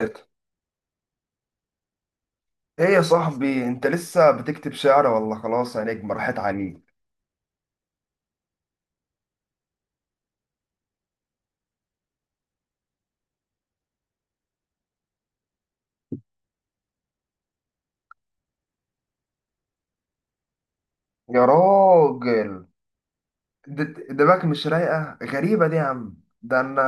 ايه يا صاحبي، انت لسه بتكتب شعر ولا خلاص يا نجم راحت عليك؟ يا راجل، دماغك مش رايقه؟ غريبه دي يا عم. ده انا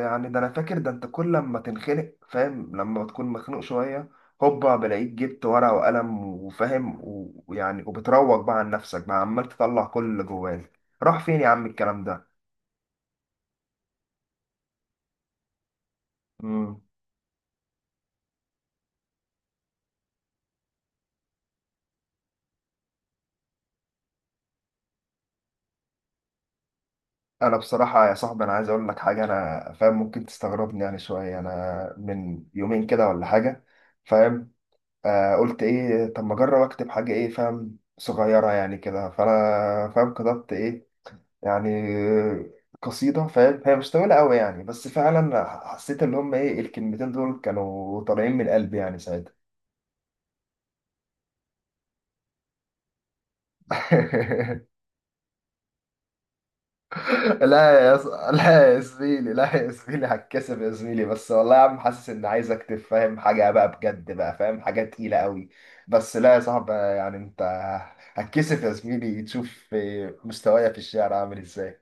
يعني، ده انا فاكر، ده انت كل لما تنخنق فاهم، لما بتكون مخنوق شويه هوبا بلاقيك جبت ورقه وقلم وفاهم ويعني وبتروج بقى عن نفسك، بقى عمال تطلع كل اللي جواك. راح فين يا عم الكلام؟ ده انا بصراحه يا صاحبي، انا عايز اقول لك حاجه، انا فاهم ممكن تستغربني يعني شويه. انا من يومين كده ولا حاجه، فاهم، آه، قلت ايه، طب ما اجرب اكتب حاجه ايه فاهم صغيره يعني كده، فانا فاهم كتبت ايه يعني، قصيده فاهم، هي مش طويله قوي يعني، بس فعلا حسيت ان هم ايه الكلمتين دول كانوا طالعين من قلبي يعني ساعتها. لا يا زميلي، لا يا زميلي، هتكسب يا زميلي، بس والله يا عم حاسس ان عايز اكتب فاهم حاجه بقى بجد، بقى فاهم حاجه تقيله قوي. بس لا يا صاحبي، يعني انت هتكسب يا زميلي، تشوف مستوايا في الشعر عامل ازاي.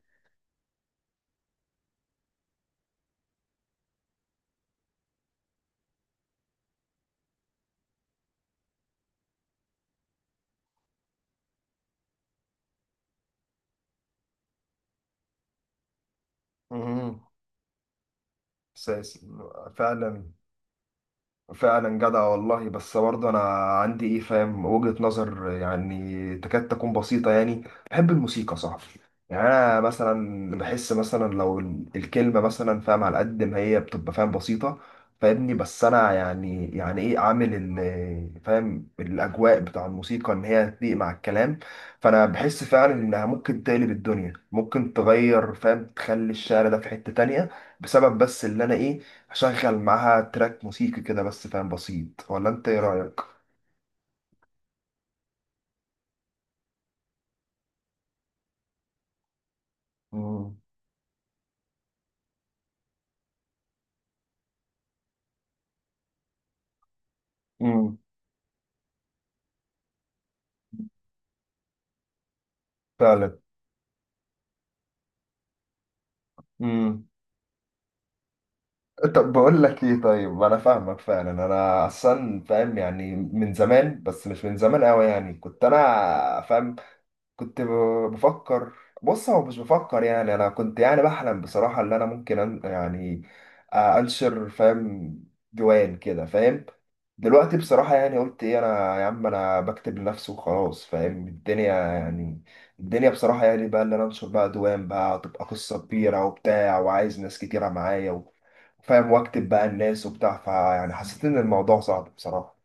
مهم. اساس فعلا. فعلا جدع والله، بس برضه انا عندي ايه فاهم وجهة نظر يعني تكاد تكون بسيطة يعني. بحب الموسيقى صح؟ يعني انا مثلا بحس مثلا لو الكلمة مثلا فاهم، على قد ما هي بتبقى فاهم بسيطة، فاهمني، بس انا يعني، يعني ايه عامل فاهم الاجواء بتاع الموسيقى ان هي تليق مع الكلام، فانا بحس فعلا انها ممكن تقلب الدنيا، ممكن تغير فاهم، تخلي الشعر ده في حتة تانية، بسبب بس اللي انا ايه اشغل معاها تراك موسيقي كده، بس فاهم بسيط. ولا انت ايه رايك؟ امم امم فعلا. امم، طب بقول لك ايه، طيب، انا فاهمك فعلا، انا اصلا فاهم يعني من زمان، بس مش من زمان قوي يعني، كنت انا فاهم، كنت بفكر، بص، هو مش بفكر يعني، انا كنت يعني بحلم بصراحة ان انا ممكن يعني، آه، انشر فاهم ديوان كده فاهم. دلوقتي بصراحة يعني، قلت ايه انا يا عم، انا بكتب لنفسي وخلاص فاهم الدنيا يعني، الدنيا بصراحة يعني، بقى اللي انا انشر بقى ديوان بقى، هتبقى قصة كبيرة وبتاع، وعايز ناس كتيرة معايا و... فاهم واكتب بقى الناس وبتاع، فيعني حسيت ان الموضوع صعب بصراحة.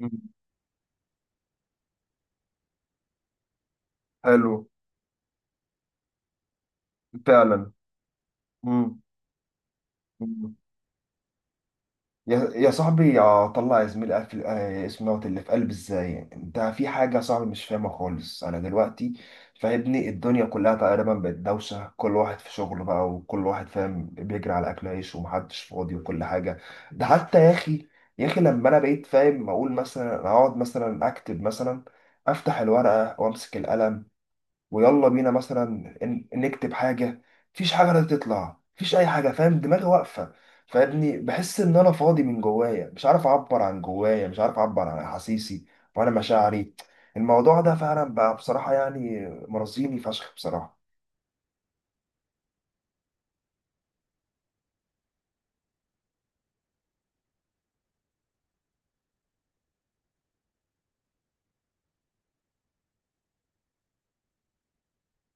مم. حلو فعلا. مم. يا صاحبي، يا طلع يا زميلي قفل آه، اسم دوت اللي في قلب ازاي يعني؟ انت في حاجه يا صاحبي مش فاهمها خالص انا دلوقتي، فاهمني، الدنيا كلها تقريبا بقت دوشه، كل واحد في شغله بقى، وكل واحد فاهم بيجري على اكل عيش، ومحدش فاضي، وكل حاجه. ده حتى يا اخي، يا اخي لما انا بقيت فاهم اقول مثلا، اقعد مثلا اكتب مثلا، افتح الورقه وامسك القلم ويلا بينا مثلا نكتب حاجه، مفيش حاجه لا تطلع، مفيش اي حاجه فاهم، دماغي واقفه، فابني بحس ان انا فاضي من جوايا، مش عارف اعبر عن جوايا، مش عارف اعبر عن احاسيسي وانا مشاعري. الموضوع ده فعلا بقى بصراحه يعني، مرضيني فشخ بصراحه.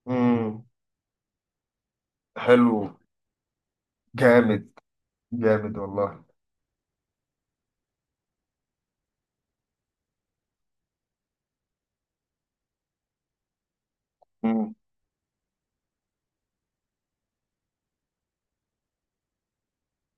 امم، حلو، جامد، جامد والله. مم.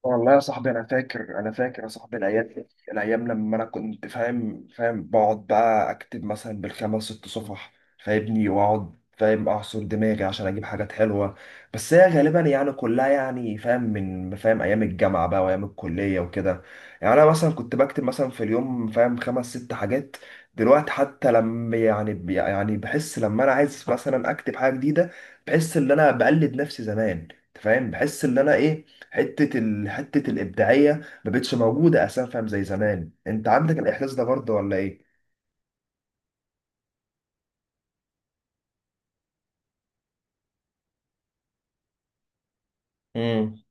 والله يا صاحبي انا فاكر، انا فاكر يا صاحبي، الايام دي، الايام لما انا كنت فاهم فاهم بقعد بقى اكتب مثلا بالخمس ست صفح، فاهمني، واقعد فاهم اعصر دماغي عشان اجيب حاجات حلوه، بس هي غالبا يعني كلها يعني فاهم من فاهم ايام الجامعه بقى وايام الكليه وكده. يعني انا مثلا كنت بكتب مثلا في اليوم فاهم خمس ست حاجات، دلوقتي حتى لما يعني يعني بحس لما انا عايز مثلا اكتب حاجه جديده، بحس ان انا بقلد نفسي زمان، أنت فاهم، بحس ان انا ايه، حته الابداعيه ما بقتش موجوده اساسا فاهم زي زمان. انت عندك الاحساس ده برضه ولا ايه؟ امم،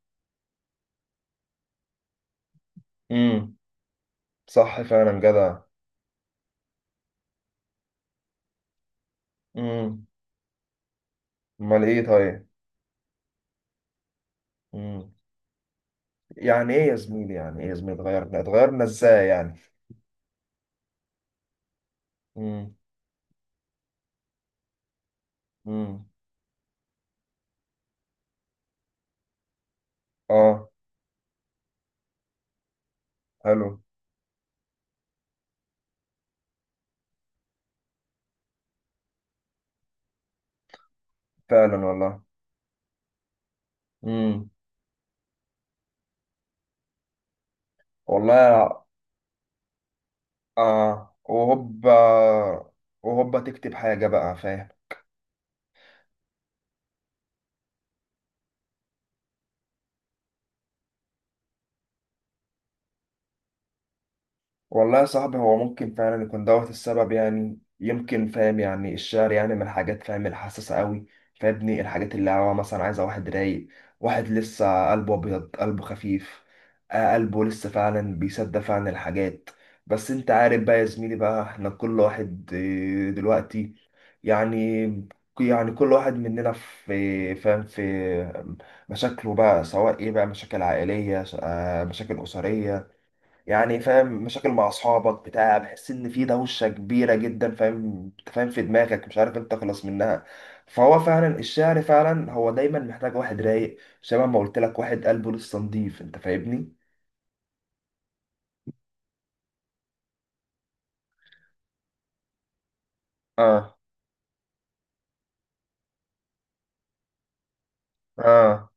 امم، صح فعلا جدع. امم، امال ايه طيب؟ امم. يعني ايه يا زميلي، يعني ايه يا زميلي اتغيرنا؟ اتغيرنا ازاي يعني؟ امم، امم، اه، حلو، فعلا والله، امم، والله، اه وهوبا، وهوبا تكتب حاجه بقى فاهم. والله يا صاحبي، هو ممكن فعلا يكون دوت السبب يعني، يمكن فاهم، يعني الشعر يعني من الحاجات فاهم الحساسة قوي، فابني الحاجات اللي هو مثلا عايزة واحد رايق، واحد لسه قلبه أبيض، قلبه خفيف، آه، قلبه لسه فعلا بيصدق فعلا الحاجات. بس انت عارف بقى يا زميلي بقى، احنا كل واحد آه، دلوقتي يعني، يعني كل واحد مننا في فاهم في مشاكله بقى، سواء ايه بقى، مشاكل عائلية، آه، مشاكل أسرية يعني فاهم، مشاكل مع اصحابك بتاع، بحس ان في دوشه كبيره جدا فاهم، انت فاهم في دماغك مش عارف انت تخلص منها، فهو فعلا الشعر فعلا هو دايما محتاج واحد رايق، شبه ما قلت لك، واحد قلبه لسه نضيف، انت فاهمني. اه، اه،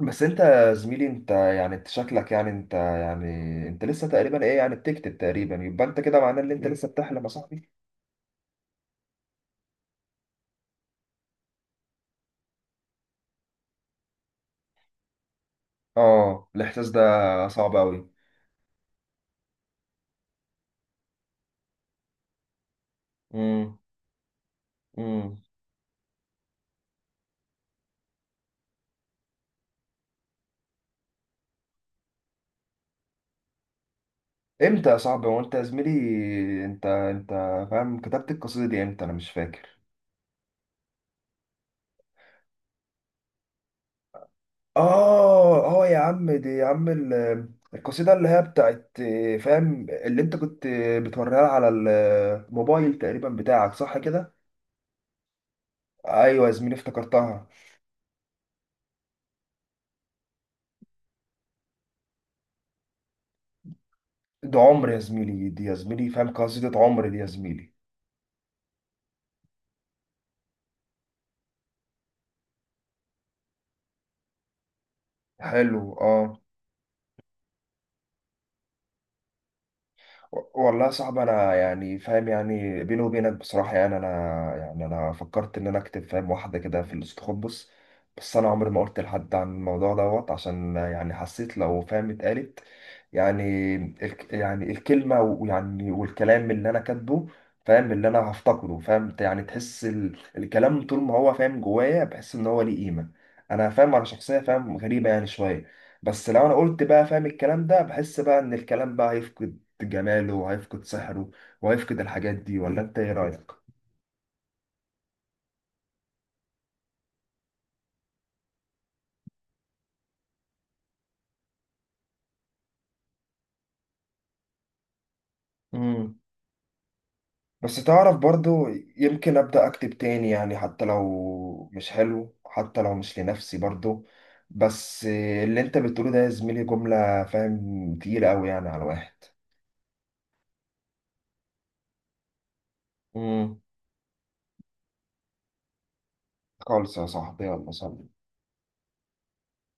بس انت يا زميلي انت يعني، انت شكلك يعني، انت يعني انت لسه تقريبا ايه يعني بتكتب تقريبا، يبقى انت كده معناه ان انت لسه بتحلم يا صاحبي. اه الاحساس ده صعب قوي. امم، امتى يا صاحبي؟ هو انت يا زميلي، انت فاهم كتبت القصيدة دي امتى؟ انا مش فاكر. اه، اه يا عم، دي يا عم القصيدة اللي هي بتاعت آه، فاهم، اللي انت كنت آه، بتوريها على الموبايل تقريبا بتاعك، صح كده؟ ايوه يا زميلي افتكرتها. ده عمر يا زميلي، دي يا زميلي فاهم قصيدة عمر دي يا زميلي. حلو، اه. والله يا صاحبي انا يعني فاهم يعني، بيني وبينك بصراحه يعني انا، يعني انا فكرت ان انا اكتب فاهم واحده كده في الاستخبص، بس انا عمري ما قلت لحد عن الموضوع دوت، عشان يعني حسيت لو فاهم اتقالت يعني، الك يعني الكلمه ويعني والكلام اللي انا كاتبه فاهم اللي انا هفتقده فاهم يعني، تحس الكلام طول ما هو فاهم جوايا بحس ان هو ليه قيمه. انا فاهم انا شخصيه فاهم غريبه يعني شويه، بس لو انا قلت بقى فاهم الكلام ده، بحس بقى ان الكلام بقى هيفقد جماله، وهيفقد سحره، وهيفقد الحاجات دي. ولا انت ايه رأيك؟ امم، بس تعرف برضو، يمكن أبدأ أكتب تاني يعني، حتى لو مش حلو، حتى لو مش لنفسي برضو، بس اللي انت بتقوله ده يا زميلي جملة فاهم تقيلة أوي يعني على الواحد. امم، خالص يا صاحبي، يلا سلام.